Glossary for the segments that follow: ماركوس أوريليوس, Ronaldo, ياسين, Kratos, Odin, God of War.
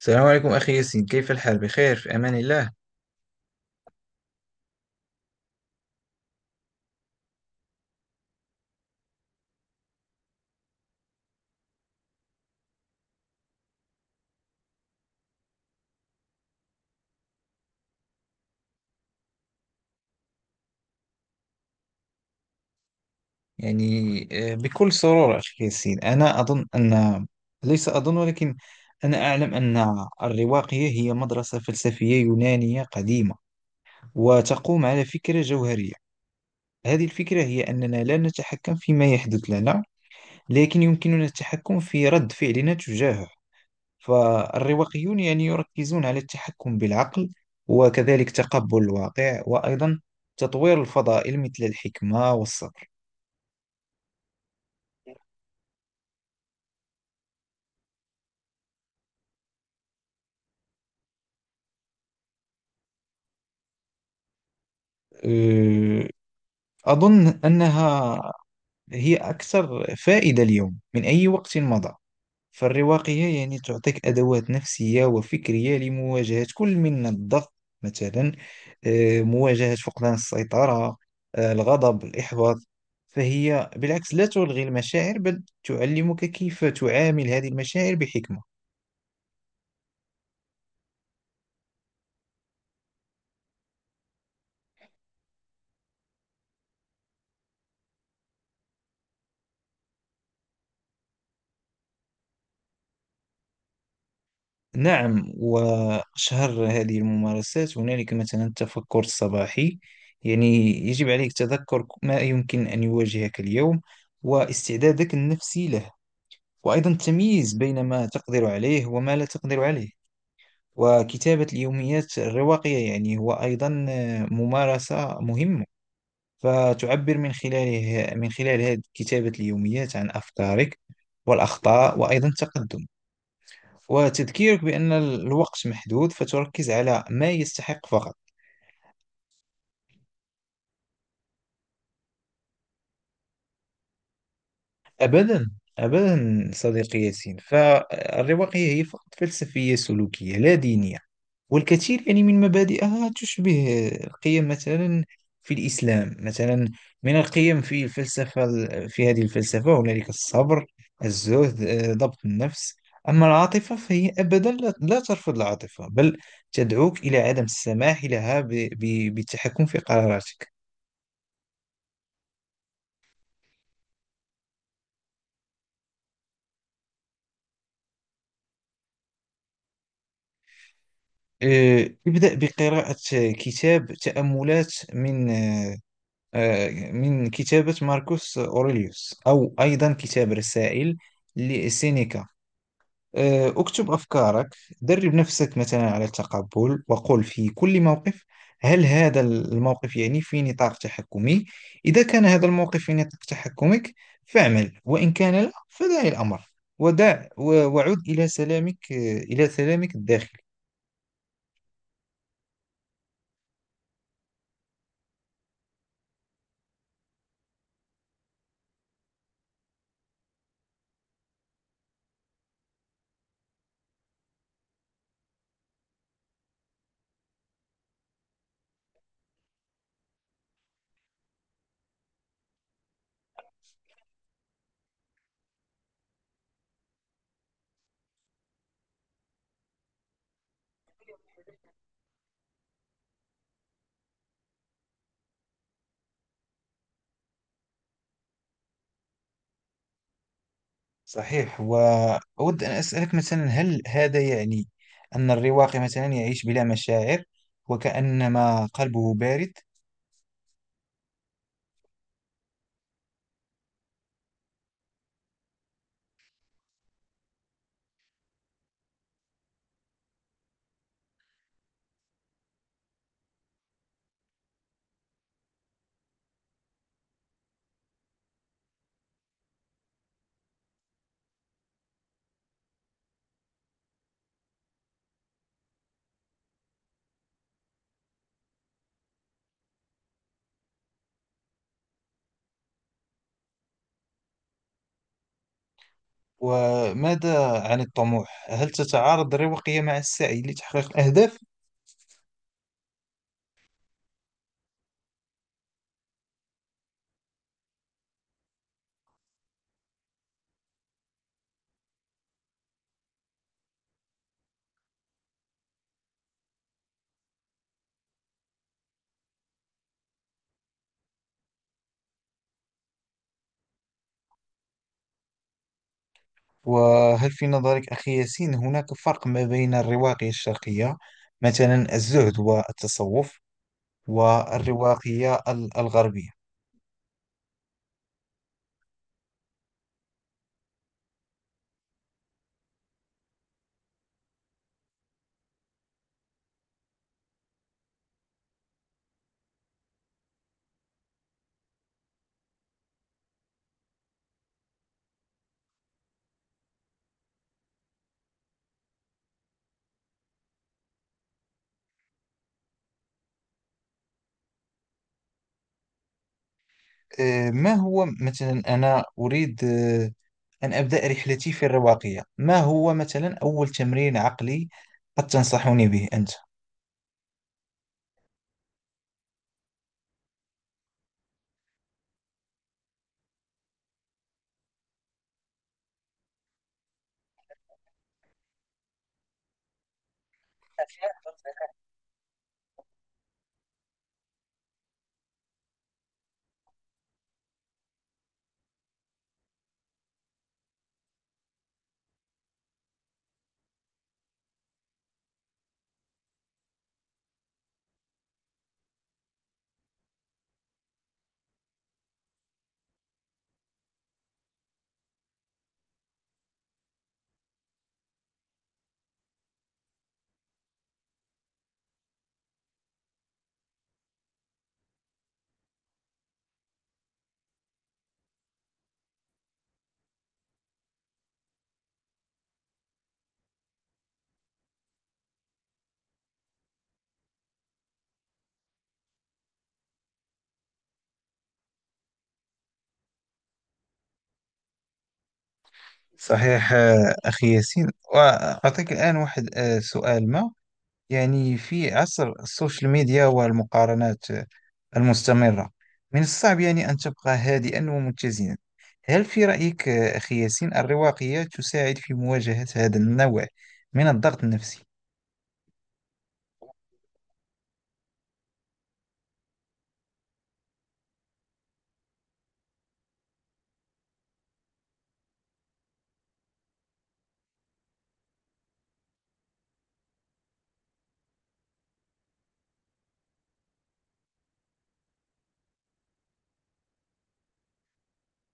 السلام عليكم أخي ياسين، كيف الحال؟ بخير في أمان الله. يعني بكل سرور أخي ياسين. أنا أظن أن، ليس أظن ولكن أنا أعلم أن الرواقية هي مدرسة فلسفية يونانية قديمة، وتقوم على فكرة جوهرية. هذه الفكرة هي أننا لا نتحكم فيما يحدث لنا، لكن يمكننا التحكم في رد فعلنا تجاهه. فالرواقيون يعني يركزون على التحكم بالعقل، وكذلك تقبل الواقع، وأيضا تطوير الفضائل مثل الحكمة والصبر. أه، أظن أنها هي أكثر فائدة اليوم من أي وقت مضى. فالرواقية يعني تعطيك أدوات نفسية وفكرية لمواجهة كل من الضغط، مثلا مواجهة فقدان السيطرة، الغضب، الإحباط. فهي بالعكس لا تلغي المشاعر، بل تعلمك كيف تعامل هذه المشاعر بحكمة. نعم، وأشهر هذه الممارسات هنالك مثلا التفكر الصباحي. يعني يجب عليك تذكر ما يمكن أن يواجهك اليوم، واستعدادك النفسي له، وأيضا التمييز بين ما تقدر عليه وما لا تقدر عليه. وكتابة اليوميات الرواقية يعني هو أيضا ممارسة مهمة. فتعبر من خلاله، من خلال هذه كتابة اليوميات، عن أفكارك والأخطاء، وأيضا التقدم، وتذكيرك بأن الوقت محدود فتركز على ما يستحق فقط. أبدا، أبدا صديقي ياسين. فالرواقية هي فقط فلسفية سلوكية لا دينية. والكثير يعني من مبادئها تشبه القيم، مثلا في الإسلام، مثلا من القيم في الفلسفة، في هذه الفلسفة هنالك الصبر، الزهد، ضبط النفس. أما العاطفة فهي أبدا لا، لا ترفض العاطفة، بل تدعوك إلى عدم السماح لها بالتحكم في قراراتك. ابدأ بقراءة كتاب تأملات من، من كتابة ماركوس أوريليوس، أو أيضا كتاب رسائل لسينيكا. اكتب أفكارك، درب نفسك مثلا على التقبل، وقل في كل موقف: هل هذا الموقف يعني في نطاق تحكمي؟ إذا كان هذا الموقف في نطاق تحكمك فاعمل، وإن كان لا فدع الأمر، وعد إلى سلامك، إلى سلامك الداخلي. صحيح، وأود أن أسألك مثلا: هل هذا يعني أن الرواقي مثلا يعيش بلا مشاعر، وكأنما قلبه بارد؟ وماذا عن الطموح؟ هل تتعارض الرواقية مع السعي لتحقيق الأهداف؟ وهل في نظرك أخي ياسين هناك فرق ما بين الرواقية الشرقية، مثلا الزهد والتصوف، والرواقية الغربية؟ ما هو مثلا، أنا أريد أن أبدأ رحلتي في الرواقية، ما هو مثلا أول تمرين عقلي قد تنصحني به أنت؟ صحيح أخي ياسين. وأعطيك الآن واحد سؤال ما، يعني في عصر السوشيال ميديا والمقارنات المستمرة، من الصعب يعني أن تبقى هادئا ومتزنا. هل في رأيك أخي ياسين الرواقية تساعد في مواجهة هذا النوع من الضغط النفسي؟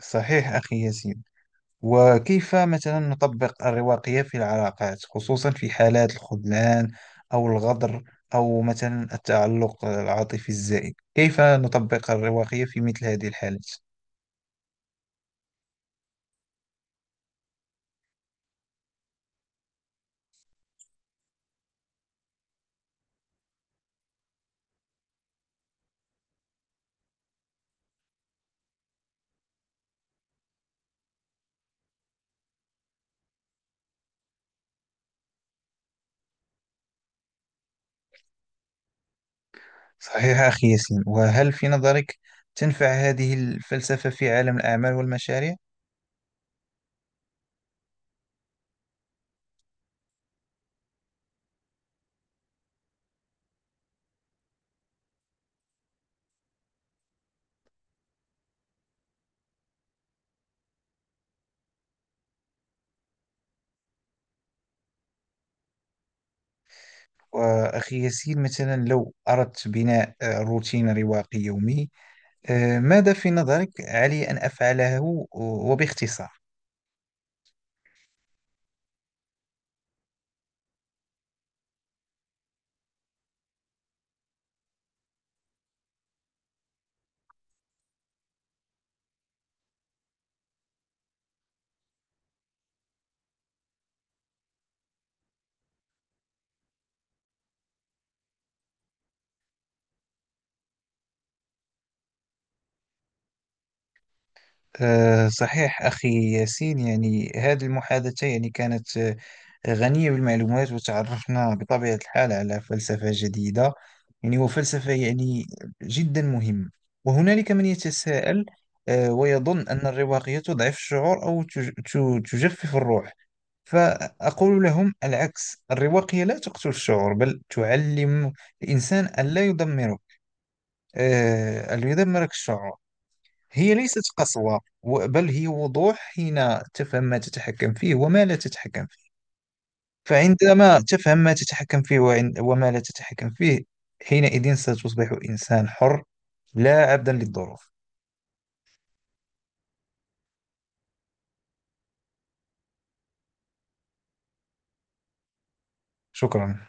صحيح أخي ياسين، وكيف مثلا نطبق الرواقية في العلاقات، خصوصا في حالات الخذلان أو الغدر، أو مثلا التعلق العاطفي الزائد؟ كيف نطبق الرواقية في مثل هذه الحالات؟ صحيح أخي ياسين، وهل في نظرك تنفع هذه الفلسفة في عالم الأعمال والمشاريع؟ وأخي ياسين مثلا، لو أردت بناء روتين رواقي يومي، ماذا في نظرك علي أن أفعله وباختصار؟ صحيح أخي ياسين. يعني هذه المحادثة يعني كانت غنية بالمعلومات، وتعرفنا بطبيعة الحال على فلسفة جديدة، يعني وفلسفة يعني جدا مهمة. وهنالك من يتساءل ويظن أن الرواقية تضعف الشعور، أو تجفف الروح. فأقول لهم العكس: الرواقية لا تقتل الشعور، بل تعلم الإنسان ألا يدمره، ألا يدمرك الشعور. هي ليست قسوة، بل هي وضوح، حين تفهم ما تتحكم فيه وما لا تتحكم فيه. فعندما تفهم ما تتحكم فيه وما لا تتحكم فيه، حينئذ ستصبح إنسان حر، لا عبدا للظروف. شكرا.